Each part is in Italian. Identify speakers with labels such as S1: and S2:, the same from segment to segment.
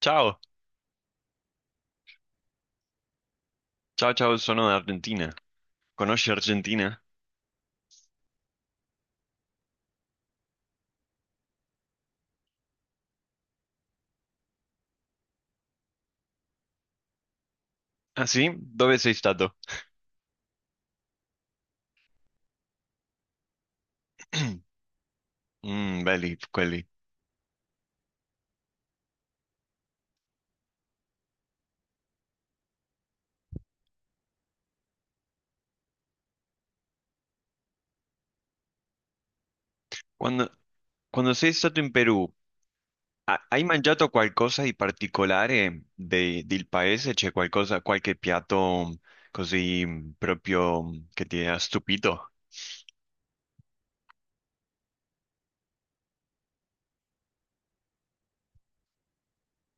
S1: Ciao, ciao, ciao, sono Argentina. Conosci Argentina? Ah, sì? Dove sei stato? Mm, belli quelli. Quando, quando sei stato in Perù, hai mangiato qualcosa di particolare del paese? C'è qualcosa, qualche piatto così proprio che ti ha stupito?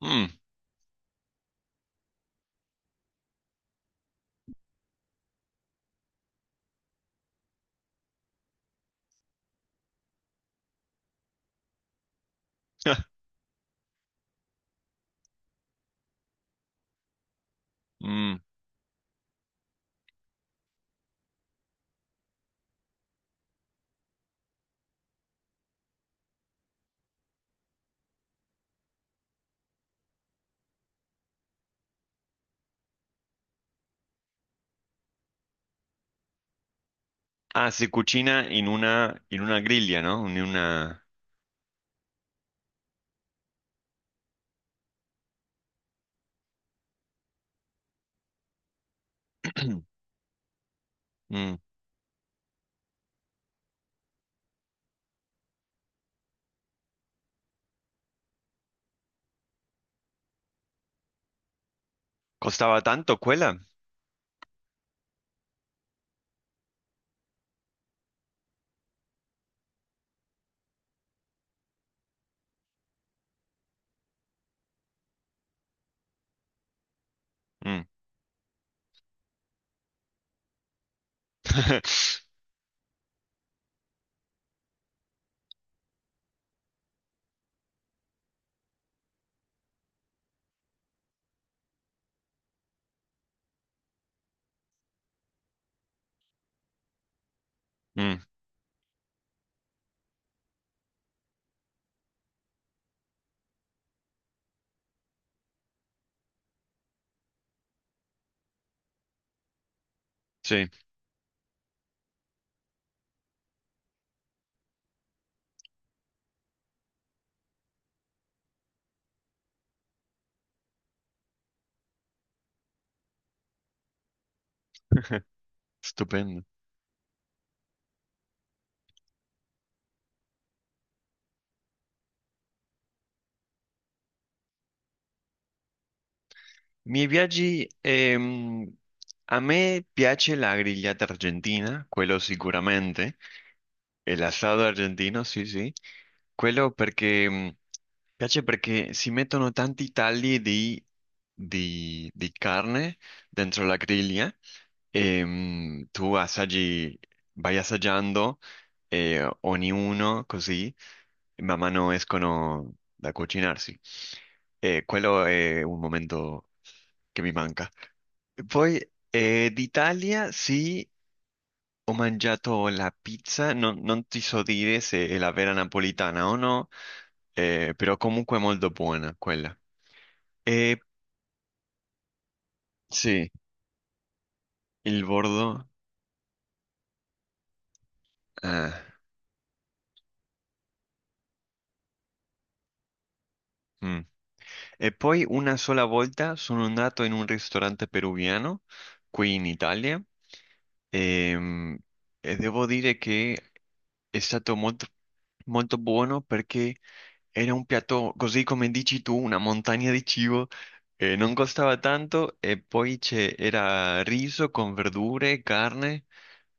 S1: Mm. Mm. Ah, si cucina in una griglia, no? In una... Mm. Costava tanto quella? Mm. Mm, sì. Stupendo. Miei viaggi, a me piace la grigliata argentina, quello sicuramente, el asado argentino, sì, sì, quello perché piace perché si mettono tanti tagli di, di carne dentro la griglia e tu assaggi, vai assaggiando ognuno così, man mano escono da cucinarsi. E quello è un momento che mi manca. Poi d'Italia sì, ho mangiato la pizza, non ti so dire se è la vera napolitana o no, però comunque è molto buona quella. E sì, il bordo. Ah, mm. E poi una sola volta sono andato in un ristorante peruviano qui in Italia, ehm, e devo dire che è stato molto, molto buono perché... Era un piatto, così come dici tu, una montagna di cibo, non costava tanto e poi c'era riso con verdure, carne,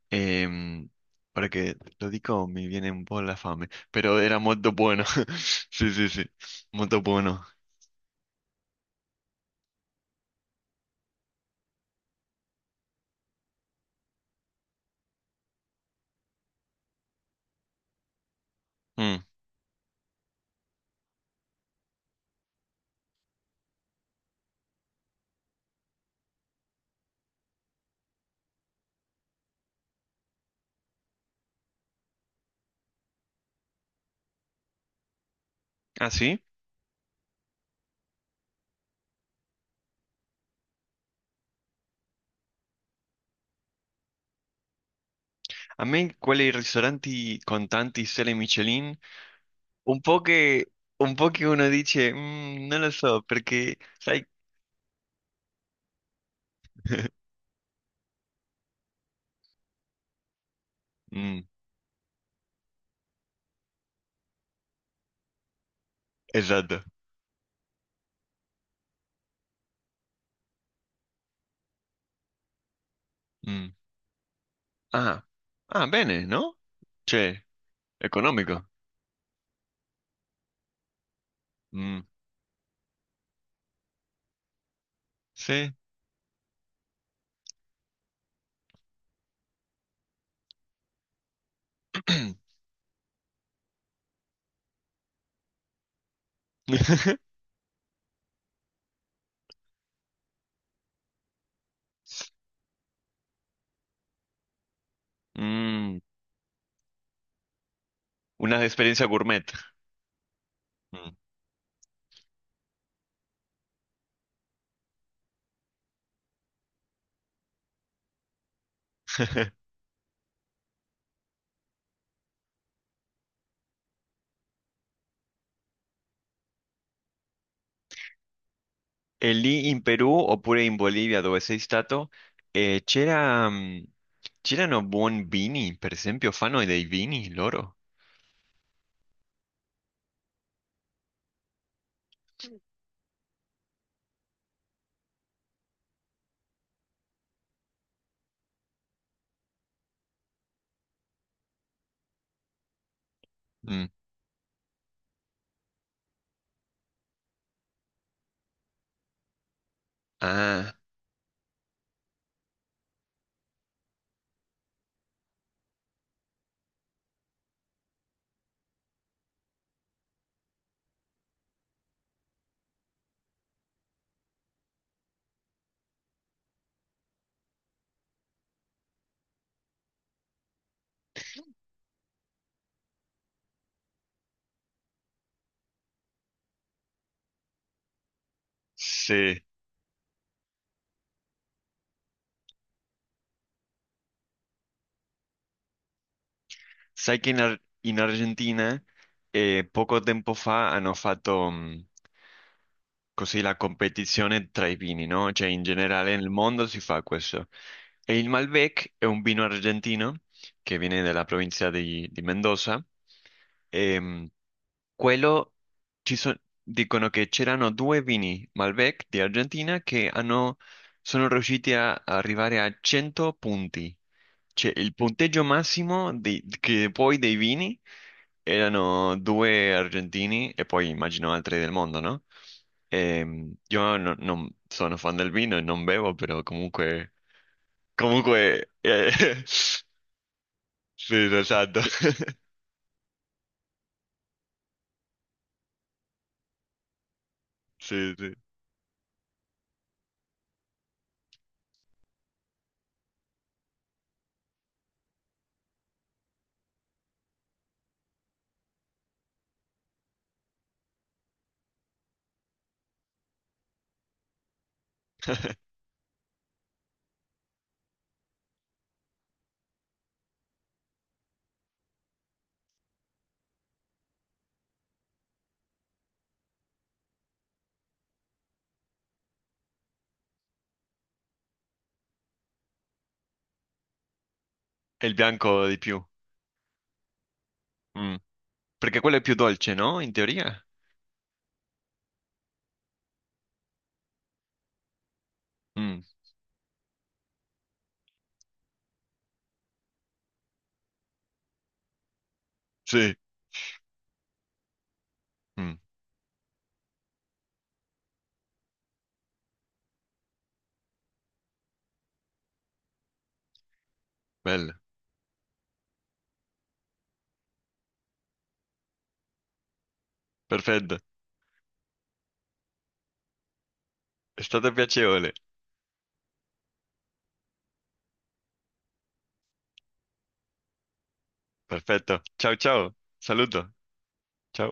S1: ehm, ora che lo dico mi viene un po' la fame, però era molto buono, sì, sì, sì, molto buono. Mm. Ah, sì? A me quei ristoranti con tanti stelle Michelin, un po' che uno dice, "Mm, non lo so, perché sai... Mm, esatto. Mm. Ah, ah, bene, no? Cioè, economico. Mm, sì. Mm, una esperienza gourmet. Mm. E lì in Perù oppure in Bolivia dove sei stato, c'era, mm, c'erano buoni vini, per esempio, fanno dei vini loro. Mm. Ah, sì. Sai che in, in Argentina poco tempo fa hanno fatto così la competizione tra i vini, no? Cioè in generale nel mondo si fa questo. E il Malbec è un vino argentino che viene dalla provincia di Mendoza. E, quello ci so- dicono che c'erano due vini Malbec di Argentina che sono riusciti a arrivare a 100 punti. Cioè, il punteggio massimo che poi dei vini erano due argentini e poi immagino altri del mondo, no? Io non sono fan del vino e non bevo, però comunque comunque, sì, esatto. Sì, sì. È il bianco di più. Mm. Perché quello è più dolce, no? In teoria? Mm. Sì. Mm. Bello. Perfetto. È stato piacevole. Perfetto. Ciao, ciao. Saluto. Ciao.